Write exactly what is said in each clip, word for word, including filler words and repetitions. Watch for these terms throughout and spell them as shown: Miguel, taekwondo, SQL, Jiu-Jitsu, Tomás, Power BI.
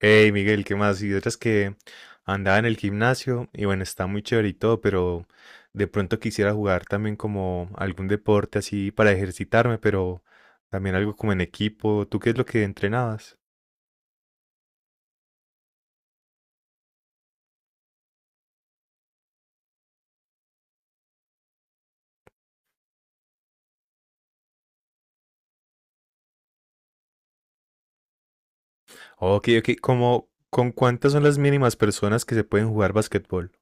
Hey Miguel, ¿qué más? Y otras que andaba en el gimnasio y bueno, está muy chévere y todo, pero de pronto quisiera jugar también como algún deporte así para ejercitarme, pero también algo como en equipo. ¿Tú qué es lo que entrenabas? Ok, ok, ¿como con cuántas son las mínimas personas que se pueden jugar basquetbol?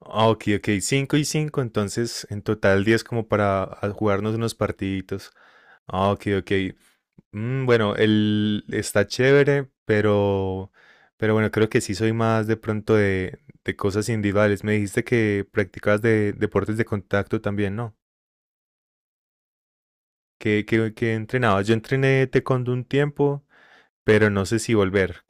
Ah, ok, ok, cinco y cinco. Entonces en total diez como para ah, jugarnos unos partiditos. Ah, ok, ok. Mm, bueno, el está chévere, pero, pero bueno, creo que sí soy más de pronto de, de cosas individuales. Me dijiste que practicabas de deportes de contacto también, ¿no? ¿Qué, qué- qué entrenabas? Yo entrené taekwondo un tiempo, pero no sé si volver.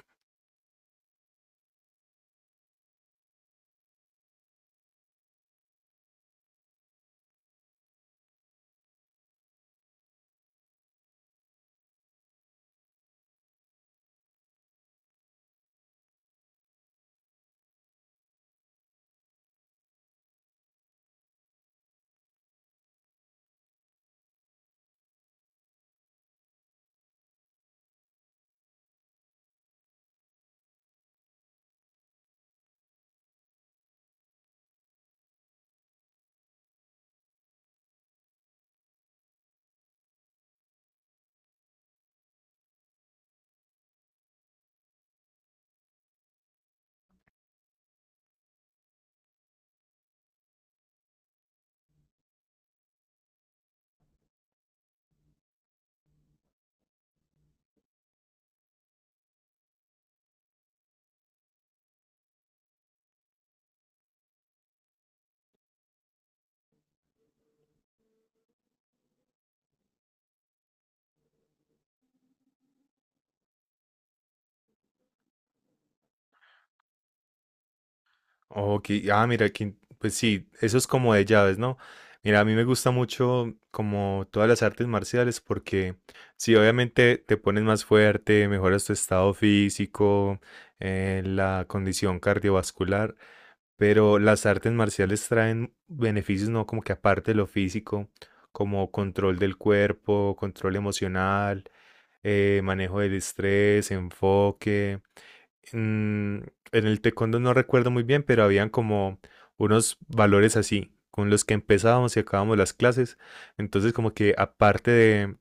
Ok, ah, mira, que, pues sí, eso es como de llaves, ¿no? Mira, a mí me gusta mucho como todas las artes marciales porque sí, obviamente te pones más fuerte, mejoras tu estado físico, eh, la condición cardiovascular, pero las artes marciales traen beneficios, ¿no? Como que aparte de lo físico, como control del cuerpo, control emocional, eh, manejo del estrés, enfoque en, en el taekwondo no recuerdo muy bien, pero habían como unos valores así, con los que empezábamos y acabábamos las clases. Entonces, como que aparte de,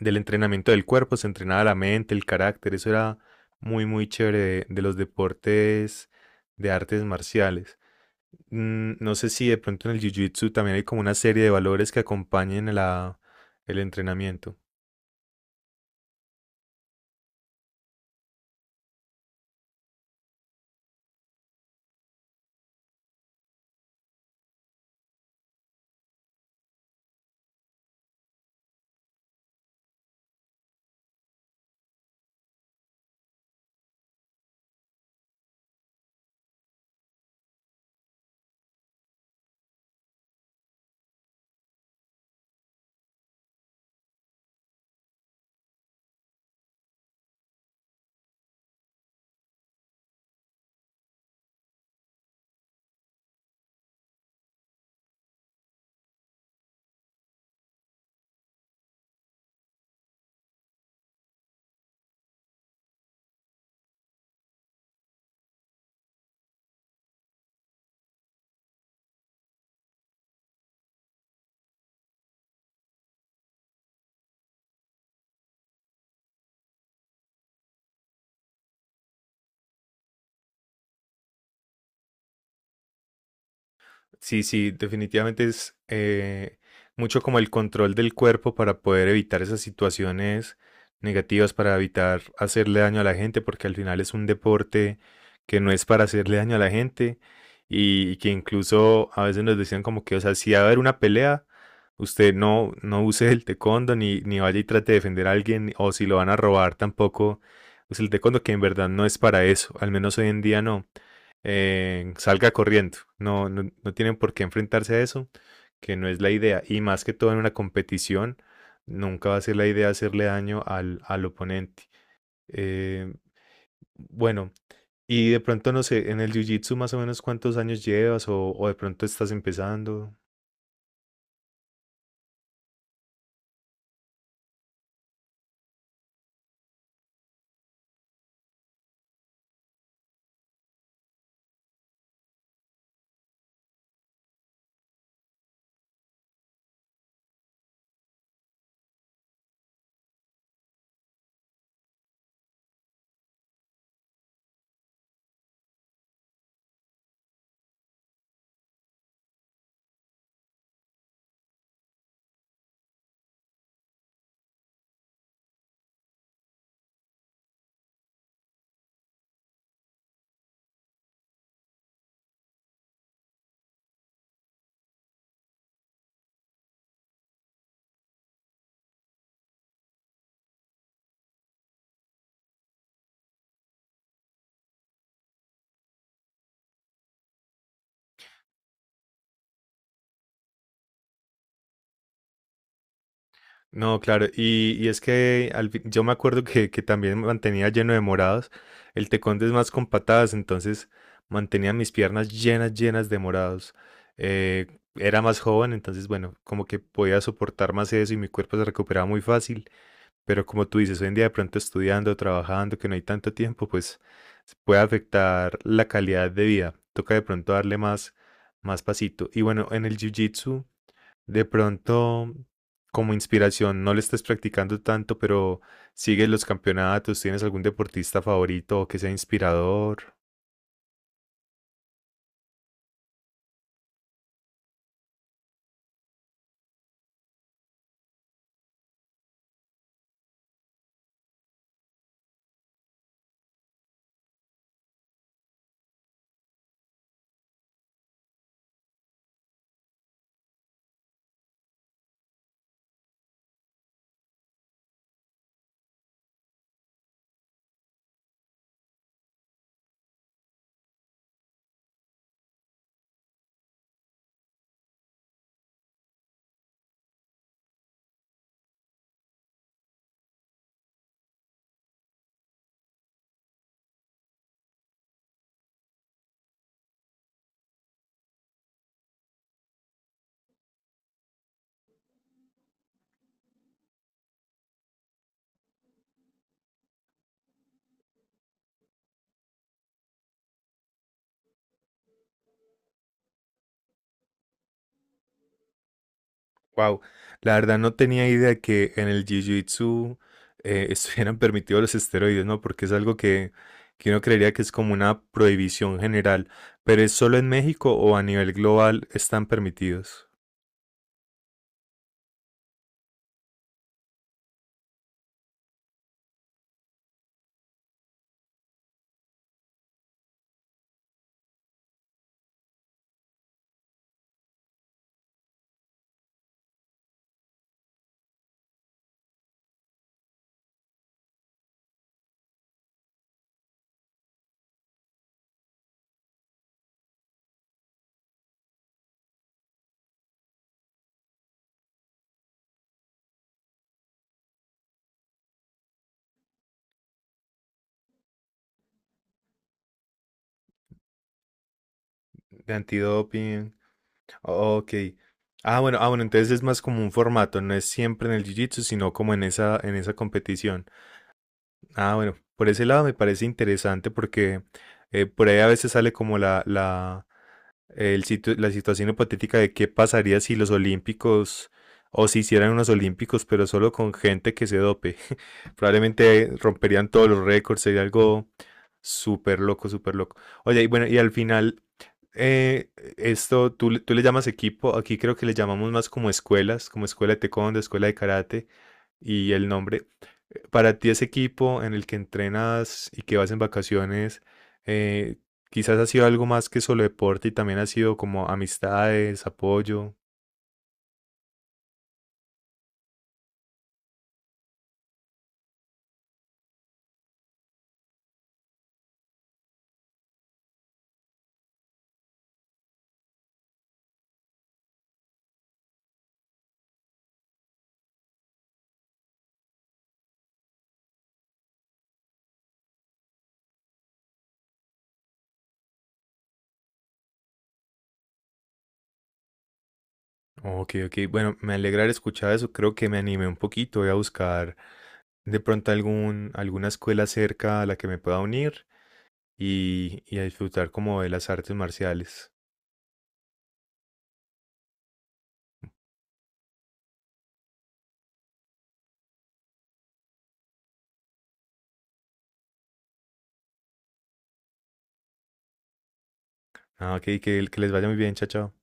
del entrenamiento del cuerpo, se entrenaba la mente, el carácter. Eso era muy, muy chévere de, de los deportes de artes marciales. Mm, no sé si de pronto en el jiu-jitsu también hay como una serie de valores que acompañen a la, el entrenamiento. Sí, sí, definitivamente es eh, mucho como el control del cuerpo para poder evitar esas situaciones negativas, para evitar hacerle daño a la gente, porque al final es un deporte que no es para hacerle daño a la gente y, y que incluso a veces nos decían como que, o sea, si va a haber una pelea, usted no, no use el taekwondo ni, ni vaya y trate de defender a alguien, o si lo van a robar tampoco use el taekwondo, que en verdad no es para eso, al menos hoy en día no. Eh, salga corriendo. No, no, no tienen por qué enfrentarse a eso, que no es la idea. Y más que todo en una competición, nunca va a ser la idea hacerle daño al, al oponente. Eh, bueno, y de pronto no sé, en el jiu-jitsu más o menos cuántos años llevas o, o de pronto estás empezando. No, claro, y, y es que al fin- yo me acuerdo que, que también me mantenía lleno de morados, el tecón es más con patadas, entonces mantenía mis piernas llenas, llenas de morados. Eh, era más joven, entonces bueno, como que podía soportar más eso y mi cuerpo se recuperaba muy fácil, pero como tú dices, hoy en día de pronto estudiando, trabajando, que no hay tanto tiempo, pues se puede afectar la calidad de vida, toca de pronto darle más, más pasito. Y bueno, en el jiu-jitsu... De pronto, como inspiración, no le estés practicando tanto, pero sigues los campeonatos, ¿tienes algún deportista favorito o que sea inspirador? Wow, la verdad no tenía idea que en el jiu-jitsu eh, estuvieran permitidos los esteroides, ¿no? Porque es algo que, que uno creería que es como una prohibición general, pero ¿es solo en México o a nivel global están permitidos? De antidoping. Ok. Ah, bueno, ah, bueno, entonces es más como un formato, no es siempre en el jiu-jitsu, sino como en esa, en esa competición. Ah, bueno, por ese lado me parece interesante porque eh, por ahí a veces sale como la, la, el situ- la situación hipotética de qué pasaría si los olímpicos o si hicieran unos olímpicos, pero solo con gente que se dope. Probablemente romperían todos los récords, sería algo súper loco, súper loco. Oye, y bueno, y al final, eh, esto, tú, le- tú le llamas equipo, aquí creo que le llamamos más como escuelas, como escuela de taekwondo, escuela de karate y el nombre. eh, Para ti ese equipo en el que entrenas y que vas en vacaciones, eh, quizás ha sido algo más que solo deporte y también ha sido como amistades, apoyo. Ok, ok, bueno, me alegra haber escuchado eso, creo que me animé un poquito, voy a buscar de pronto algún, alguna escuela cerca a la que me pueda unir y, y a disfrutar como de las artes marciales. Ah, ok, que, que les vaya muy bien, chao, chao.